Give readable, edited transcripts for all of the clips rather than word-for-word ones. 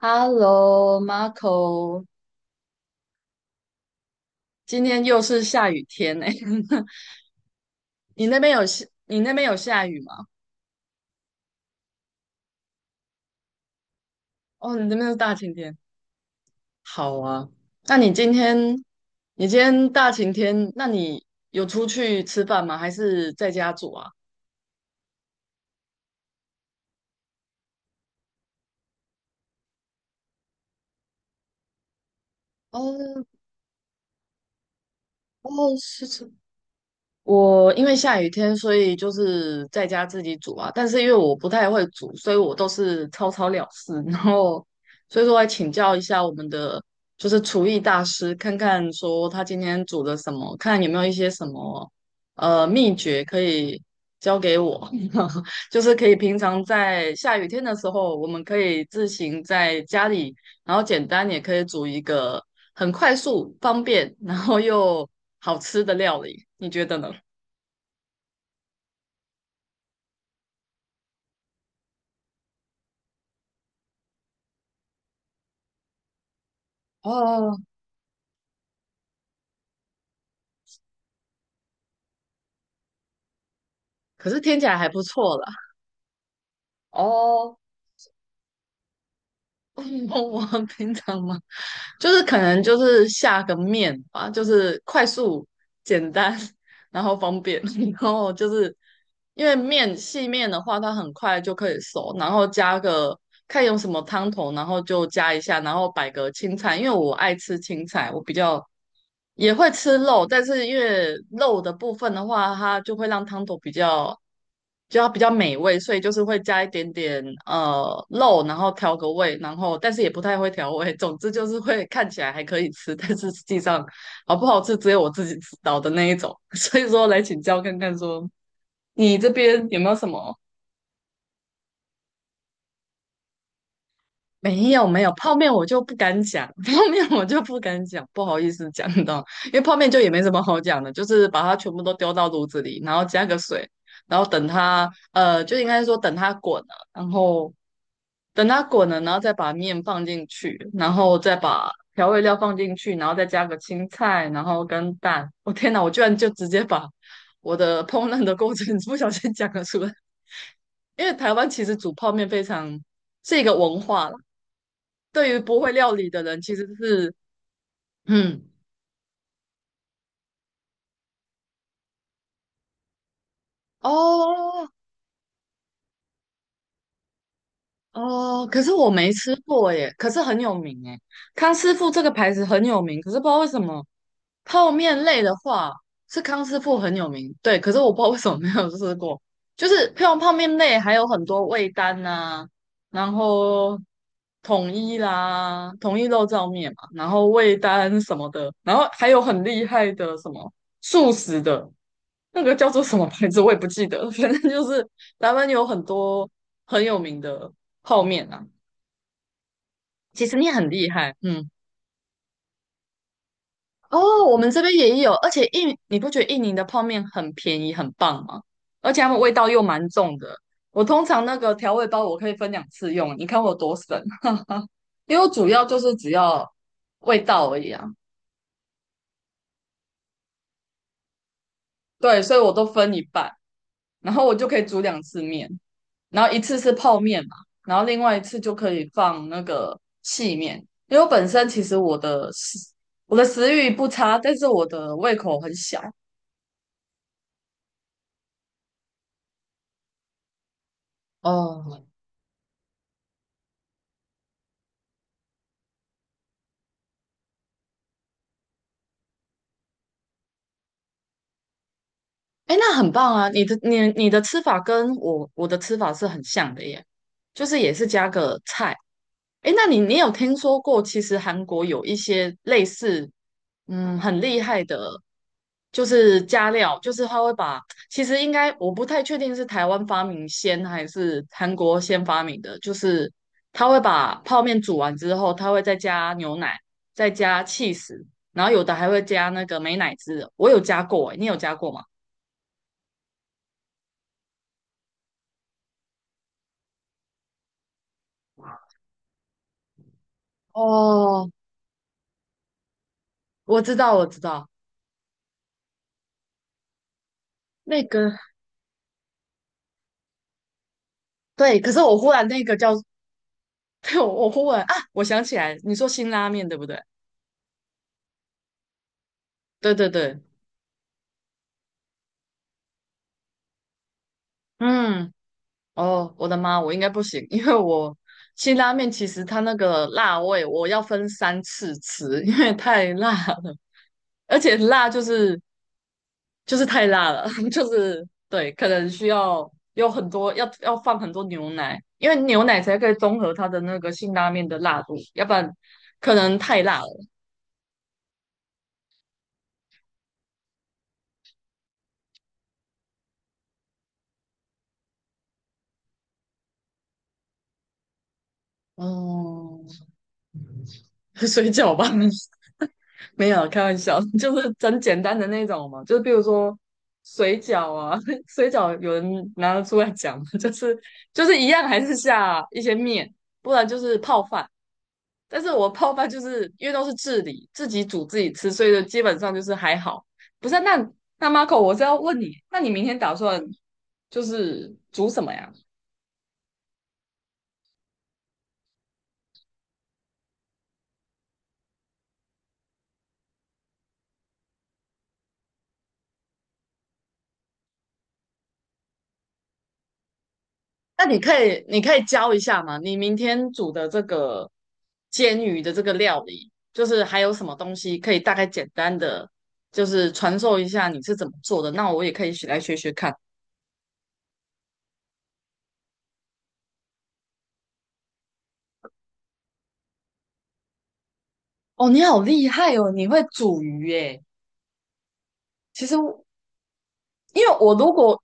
Hello, Marco，今天又是下雨天呢、你那边有下，你那边有下雨吗？哦，你那边是大晴天。好啊，那你今天，你今天大晴天，那你有出去吃饭吗？还是在家煮啊？哦哦，是，吃。我因为下雨天，所以就是在家自己煮啊。但是因为我不太会煮，所以我都是草草了事。然后，所以说来请教一下我们的就是厨艺大师，看看说他今天煮了什么，看有没有一些什么秘诀可以教给我。就是可以平常在下雨天的时候，我们可以自行在家里，然后简单也可以煮一个很快速、方便，然后又好吃的料理。你觉得呢？哦，可是听起来还不错啦。哦，我平常嘛，就是可能就是下个面吧，就是快速简单，然后方便，然后就是因为细面的话，它很快就可以熟，然后加个看用什么汤头，然后就加一下，然后摆个青菜，因为我爱吃青菜，我比较也会吃肉，但是因为肉的部分的话，它就会让汤头比较。就要比较美味，所以就是会加一点点肉，然后调个味，然后但是也不太会调味。总之就是会看起来还可以吃，但是实际上好不好吃只有我自己知道的那一种。所以说来请教看看说，你这边有没有什么没有没有，泡面我就不敢讲，泡面我就不敢讲，不好意思讲到，因为泡面就也没什么好讲的，就是把它全部都丢到炉子里，然后加个水，然后等它，就应该说等它滚了，然后等它滚了，然后再把面放进去，然后再把调味料放进去，然后再加个青菜，然后跟蛋。我、天哪，我居然就直接把我的烹饪的过程 不小心讲了出来，因为台湾其实煮泡面非常。是一个文化啦，对于不会料理的人，其实是，嗯，哦哦，可是我没吃过耶，可是很有名耶，康师傅这个牌子很有名，可是不知道为什么泡面类的话是康师傅很有名，对，可是我不知道为什么没有吃过，就是泡面类还有很多味丹呐、然后统一啦，统一肉燥面嘛，然后味丹什么的，然后还有很厉害的什么素食的。那个叫做什么牌子我也不记得了反正就是台湾有很多很有名的泡面啊。其实你很厉害，嗯，哦，我们这边也有，而且你不觉得印尼的泡面很便宜很棒吗？而且它们味道又蛮重的。我通常那个调味包我可以分两次用，你看我多省，因为我主要就是只要味道而已啊。对，所以我都分一半。然后我就可以煮两次面，然后一次是泡面嘛，然后另外一次就可以放那个细面，因为我本身其实我的食欲不差，但是我的胃口很小，哦，哎，那很棒啊！你的吃法跟我的吃法是很像的耶，就是也是加个菜。哎，那你有听说过，其实韩国有一些类似，嗯，很厉害的，就是加料，就是他会把，其实应该我不太确定是台湾发明先还是韩国先发明的，就是他会把泡面煮完之后，他会再加牛奶，再加 cheese，然后有的还会加那个美乃滋的。我有加过，哎，你有加过吗？哦，我知道，我知道，那个对，可是我忽然那个叫，对我忽然啊，我想起来，你说辛拉面对不对？对对对，嗯，哦，我的妈，我应该不行，因为我辛拉面其实它那个辣味，我要分三次吃，因为太辣了，而且辣就是就是太辣了，就是对，可能需要有很多要放很多牛奶，因为牛奶才可以中和它的那个辛拉面的辣度，要不然可能太辣了。哦，水饺吧，没有开玩笑，就是很简单的那种嘛，就是比如说水饺啊，水饺有人拿得出来讲吗，就是一样还是下一些面，不然就是泡饭。但是我泡饭就是因为都是自理，自己煮自己吃，所以就基本上就是还好。不是啊，那 Marco，我是要问你，那你明天打算就是煮什么呀？那你可以，你可以教一下吗？你明天煮的这个煎鱼的这个料理，就是还有什么东西可以大概简单的，就是传授一下你是怎么做的？那我也可以学来学学看。哦，你好厉害哦，你会煮鱼耶！其实因为我如果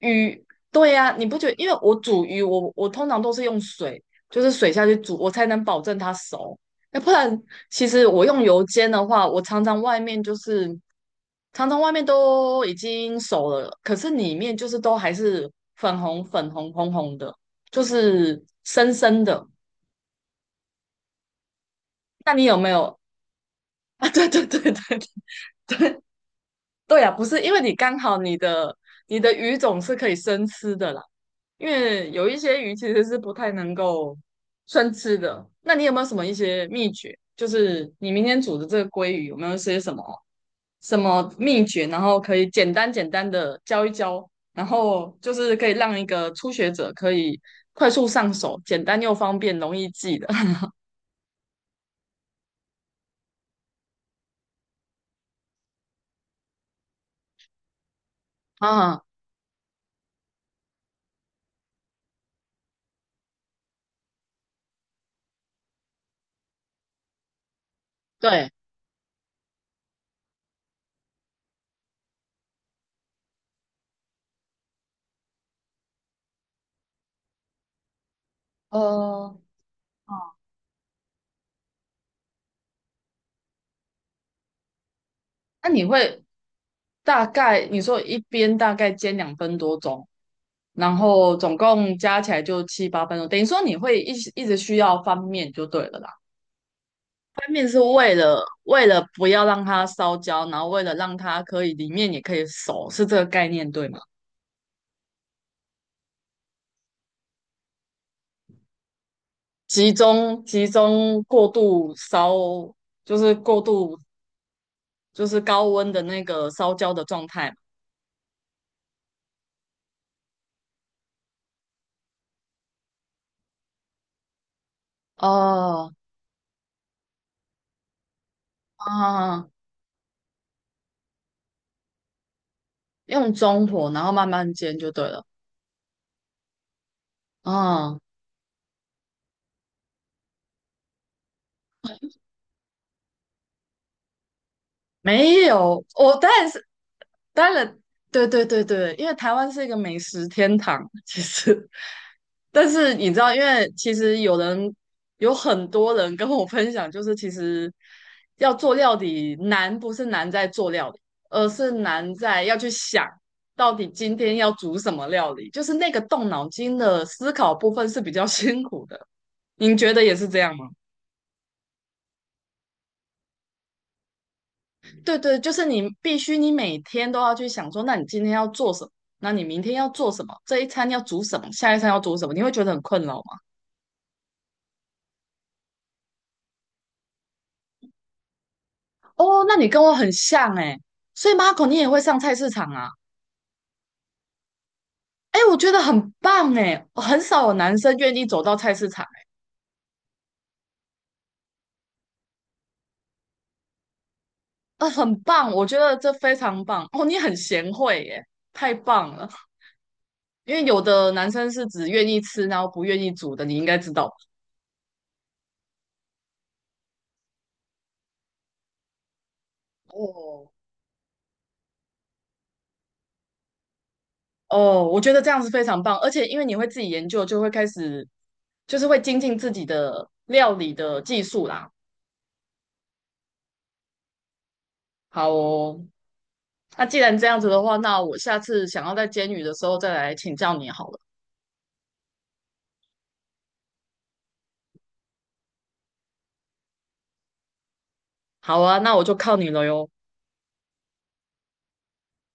鱼，对呀、你不觉得？因为我煮鱼，我通常都是用水，就是水下去煮，我才能保证它熟。那不然，其实我用油煎的话，我常常外面就是常常外面都已经熟了，可是里面就是都还是粉红红红的，就是生生的。那你有没有 啊？对，对呀、不是因为你刚好你的鱼种是可以生吃的啦。因为有一些鱼其实是不太能够生吃的。那你有没有什么一些秘诀？就是你明天煮的这个鲑鱼有没有一些什么什么秘诀，然后可以简单简单的教一教，然后就是可以让一个初学者可以快速上手，简单又方便，容易记的 啊？对，呃，那你会大概你说一边大概煎两分多钟，然后总共加起来就七八分钟，等于说你会一直需要翻面就对了啦。翻面是为了不要让它烧焦，然后为了让它可以里面也可以熟，是这个概念对吗？集中过度烧，就是过度就是高温的那个烧焦的状态嘛。哦，啊，用中火然后慢慢煎就对了。啊。没有，我当然是，当然，对对对对，因为台湾是一个美食天堂，其实，但是你知道，因为其实有人有很多人跟我分享，就是其实要做料理难，不是难在做料理，而是难在要去想到底今天要煮什么料理，就是那个动脑筋的思考部分是比较 辛苦的。您觉得也是这样吗？对对，就是你必须，你每天都要去想说，那你今天要做什么？那你明天要做什么？这一餐要煮什么？下一餐要煮什么？你会觉得很困扰吗？哦，那你跟我很像哎，所以 Marco 你也会上菜市场啊？哎，我觉得很棒哎，很少有男生愿意走到菜市场诶，很棒，我觉得这非常棒哦，你很贤惠耶，太棒了。因为有的男生是只愿意吃，然后不愿意煮的，你应该知道吧哦，哦，我觉得这样是非常棒，而且因为你会自己研究，就会开始会精进自己的料理的技术啦。好哦，那既然这样子的话，那我下次想要在煎鱼的时候再来请教你好了。好啊，那我就靠你了哟。